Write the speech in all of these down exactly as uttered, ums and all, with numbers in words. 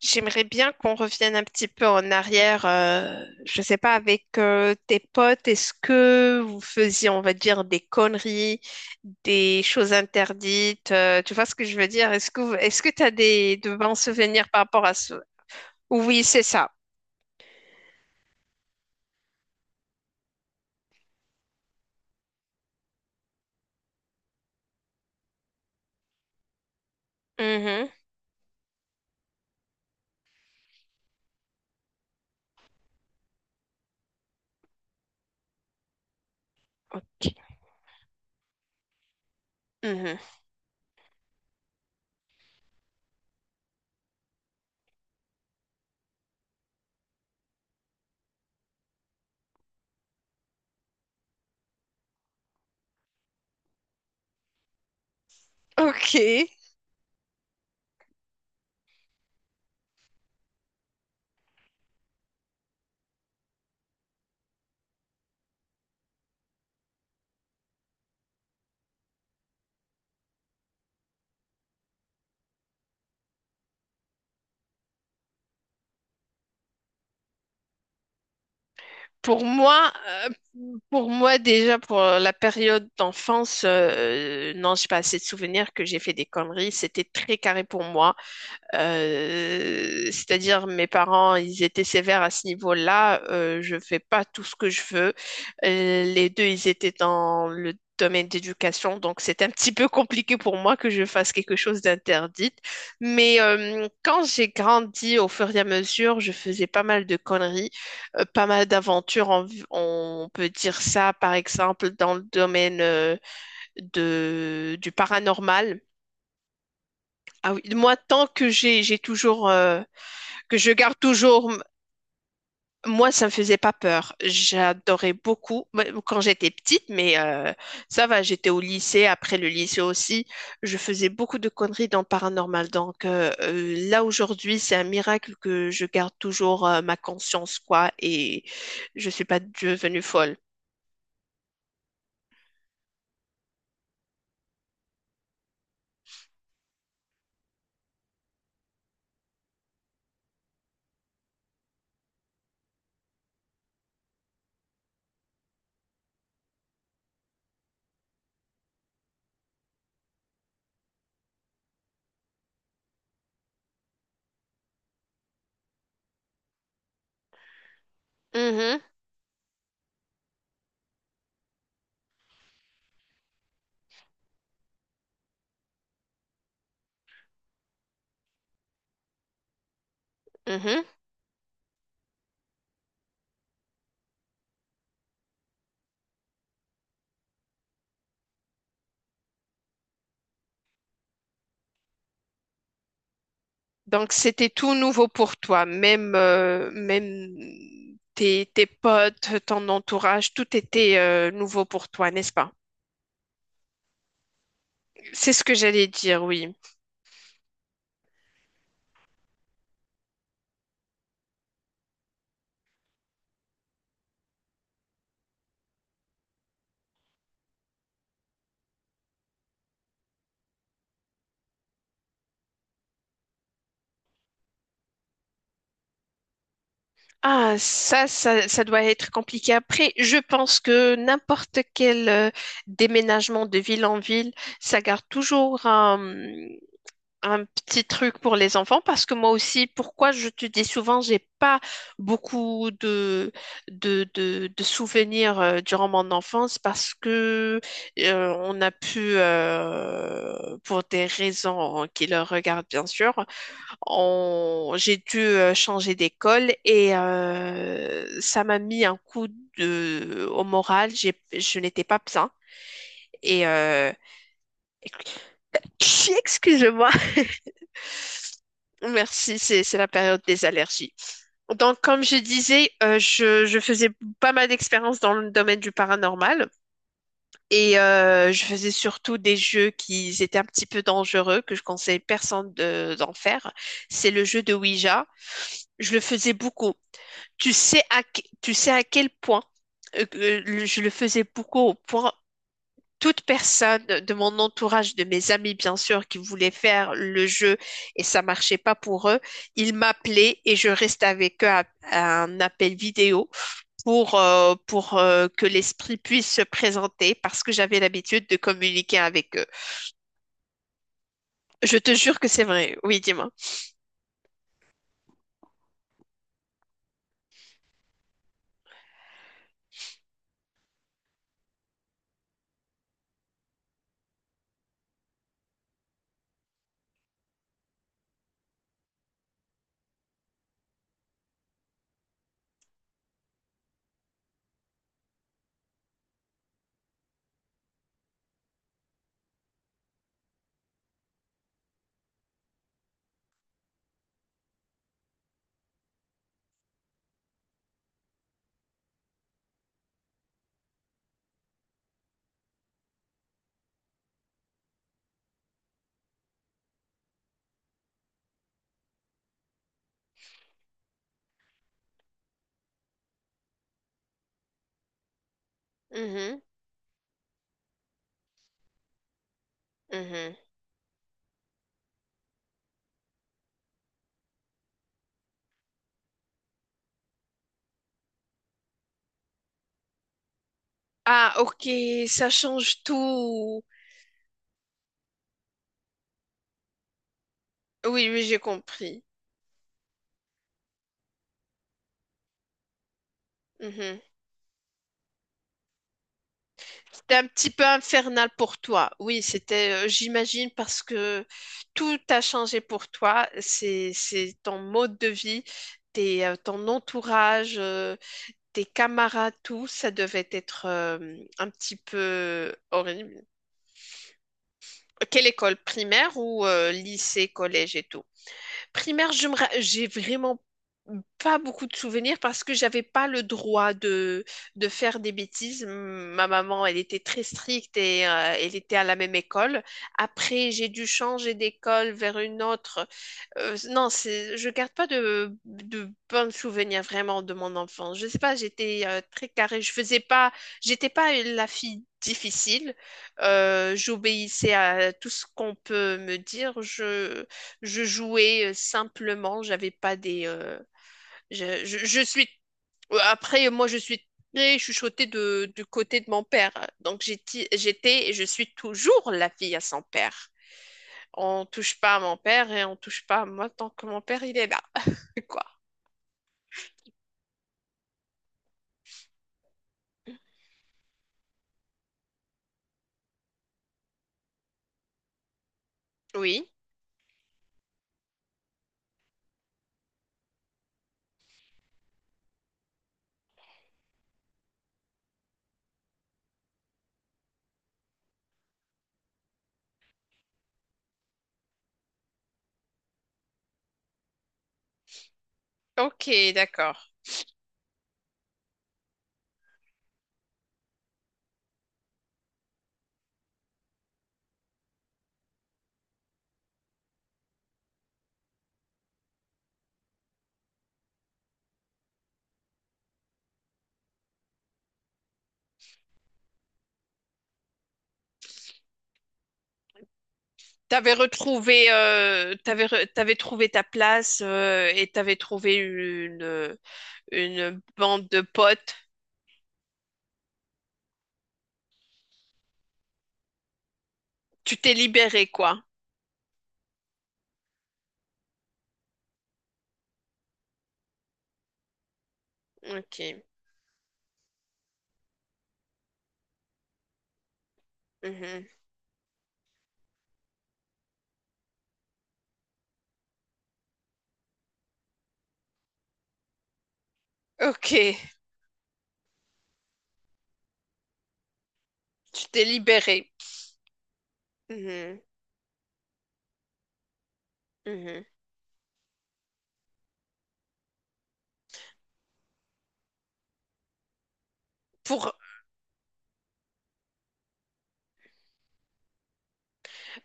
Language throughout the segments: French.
J'aimerais bien qu'on revienne un petit peu en arrière. Euh, je sais pas, avec euh, tes potes, est-ce que vous faisiez, on va dire, des conneries, des choses interdites? Euh, tu vois ce que je veux dire? Est-ce que vous- est-ce que tu as des de bons souvenirs par rapport à ce? Oui, c'est ça. Mhm. Ok. Mhm. Ok. Pour moi, euh, pour moi déjà pour la période d'enfance, euh, non, j'ai pas assez de souvenirs que j'ai fait des conneries. C'était très carré pour moi. Euh, c'est-à-dire mes parents, ils étaient sévères à ce niveau-là. Euh, je fais pas tout ce que je veux. Euh, les deux, ils étaient dans le domaine d'éducation, donc c'est un petit peu compliqué pour moi que je fasse quelque chose d'interdit. Mais euh, quand j'ai grandi, au fur et à mesure, je faisais pas mal de conneries, euh, pas mal d'aventures, en- on peut dire ça, par exemple, dans le domaine euh, de, du paranormal. Ah oui, moi, tant que j'ai j'ai toujours euh, que je garde toujours. m- Moi, ça me faisait pas peur. J'adorais beaucoup bah, quand j'étais petite, mais euh, ça va, j'étais au lycée, après le lycée aussi. Je faisais beaucoup de conneries dans le paranormal. Donc euh, euh, là, aujourd'hui, c'est un miracle que je garde toujours euh, ma conscience, quoi, et je suis pas devenue folle. Mhm, mhm. Donc c'était tout nouveau pour toi, même, euh, même tes, tes potes, ton entourage, tout était euh, nouveau pour toi, n'est-ce pas? C'est ce que j'allais dire, oui. Ah, ça, ça, ça doit être compliqué. Après, je pense que n'importe quel euh, déménagement de ville en ville, ça garde toujours un, un petit truc pour les enfants parce que moi aussi, pourquoi je te dis souvent, j'ai pas beaucoup de, de, de, de souvenirs euh, durant mon enfance parce que euh, on a pu, euh, pour des raisons qui leur regardent bien sûr, on- j'ai dû euh, changer d'école et euh, ça m'a mis un coup de… au moral. J'ai- Je n'étais pas bien. Et euh, excusez-moi. Merci, c'est c'est la période des allergies. Donc, comme je disais, euh, je, je faisais pas mal d'expériences dans le domaine du paranormal et euh, je faisais surtout des jeux qui étaient un petit peu dangereux, que je conseille personne de- d'en faire. C'est le jeu de Ouija. Je le faisais beaucoup. Tu sais à, que- tu sais à quel point euh, euh, je le faisais beaucoup au point toute personne de mon entourage, de mes amis bien sûr, qui voulaient faire le jeu et ça marchait pas pour eux, ils m'appelaient et je restais avec eux à, à un appel vidéo pour euh, pour euh, que l'esprit puisse se présenter parce que j'avais l'habitude de communiquer avec eux. Je te jure que c'est vrai. Oui, dis-moi. Mhm, mhm. Ah, ok, ça change tout. Oui, oui, j'ai compris. Mhm. C'était un petit peu infernal pour toi. Oui, c'était, euh, j'imagine, parce que tout a changé pour toi. C'est, c'est ton mode de vie, tes, euh, ton entourage, euh, tes camarades, tout. Ça devait être euh, un petit peu horrible. Quelle école primaire ou euh, lycée, collège et tout? Primaire, je me ra- j'ai vraiment pas beaucoup de souvenirs parce que j'avais pas le droit de, de faire des bêtises. Ma maman, elle était très stricte et euh, elle était à la même école. Après, j'ai dû changer d'école vers une autre. Euh, non, c'est, je garde pas de, de bons souvenirs vraiment de mon enfance. Je sais pas, j'étais euh, très carrée. Je faisais pas, j'étais pas la fille difficile. Euh, j'obéissais à tout ce qu'on peut me dire. Je je jouais euh, simplement, j'avais pas des. Euh, je, je- je suis. Après, moi, je suis très chuchotée de, du côté de mon père. Donc, j'étais, j'étais et je suis toujours la fille à son père. On touche pas à mon père et on touche pas à moi tant que mon père, il est là. Quoi. Oui. Ok, d'accord. T'avais retrouvé, euh, t'avais, re- t'avais trouvé ta place euh, et t'avais trouvé une, une bande de potes. Tu t'es libérée quoi. Ok. Mhm. Ok, tu t'es libéré. Mhm, mhm. Pour,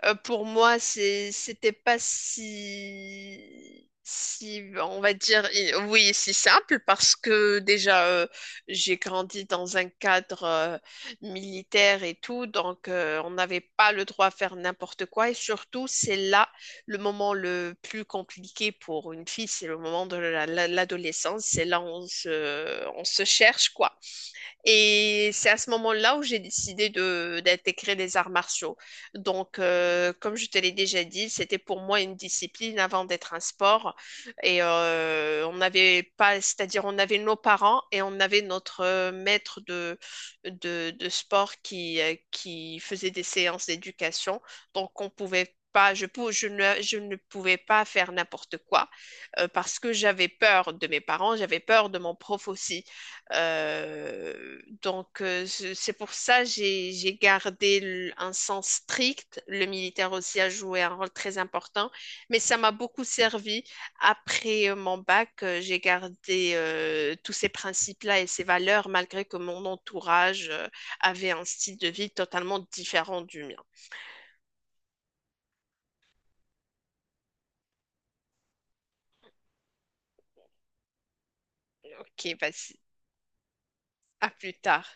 euh, pour moi, c'est, c'était pas si, si, on va dire, i- oui, si simple parce que déjà, euh, j'ai grandi dans un cadre euh, militaire et tout, donc euh, on n'avait pas le droit à faire n'importe quoi. Et surtout, c'est là le moment le plus compliqué pour une fille, c'est le moment de la- la- l'adolescence. C'est là où on se, on se cherche, quoi. Et c'est à ce moment-là où j'ai décidé de d'intégrer les arts martiaux. Donc, euh, comme je te l'ai déjà dit, c'était pour moi une discipline avant d'être un sport. Et euh, on n'avait pas, c'est-à-dire on avait nos parents et on avait notre euh, maître de, de, de sport qui, euh, qui faisait des séances d'éducation. Donc, on pouvait pas, je, pou- je ne, je ne pouvais pas faire n'importe quoi euh, parce que j'avais peur de mes parents, j'avais peur de mon prof aussi. Euh, donc, euh, c'est c'est pour ça j'ai j'ai gardé l- un sens strict. Le militaire aussi a joué un rôle très important, mais ça m'a beaucoup servi. Après euh, mon bac, euh, j'ai gardé euh, tous ces principes-là et ces valeurs, malgré que mon entourage euh, avait un style de vie totalement différent du mien. Ok, vas-y, à plus tard.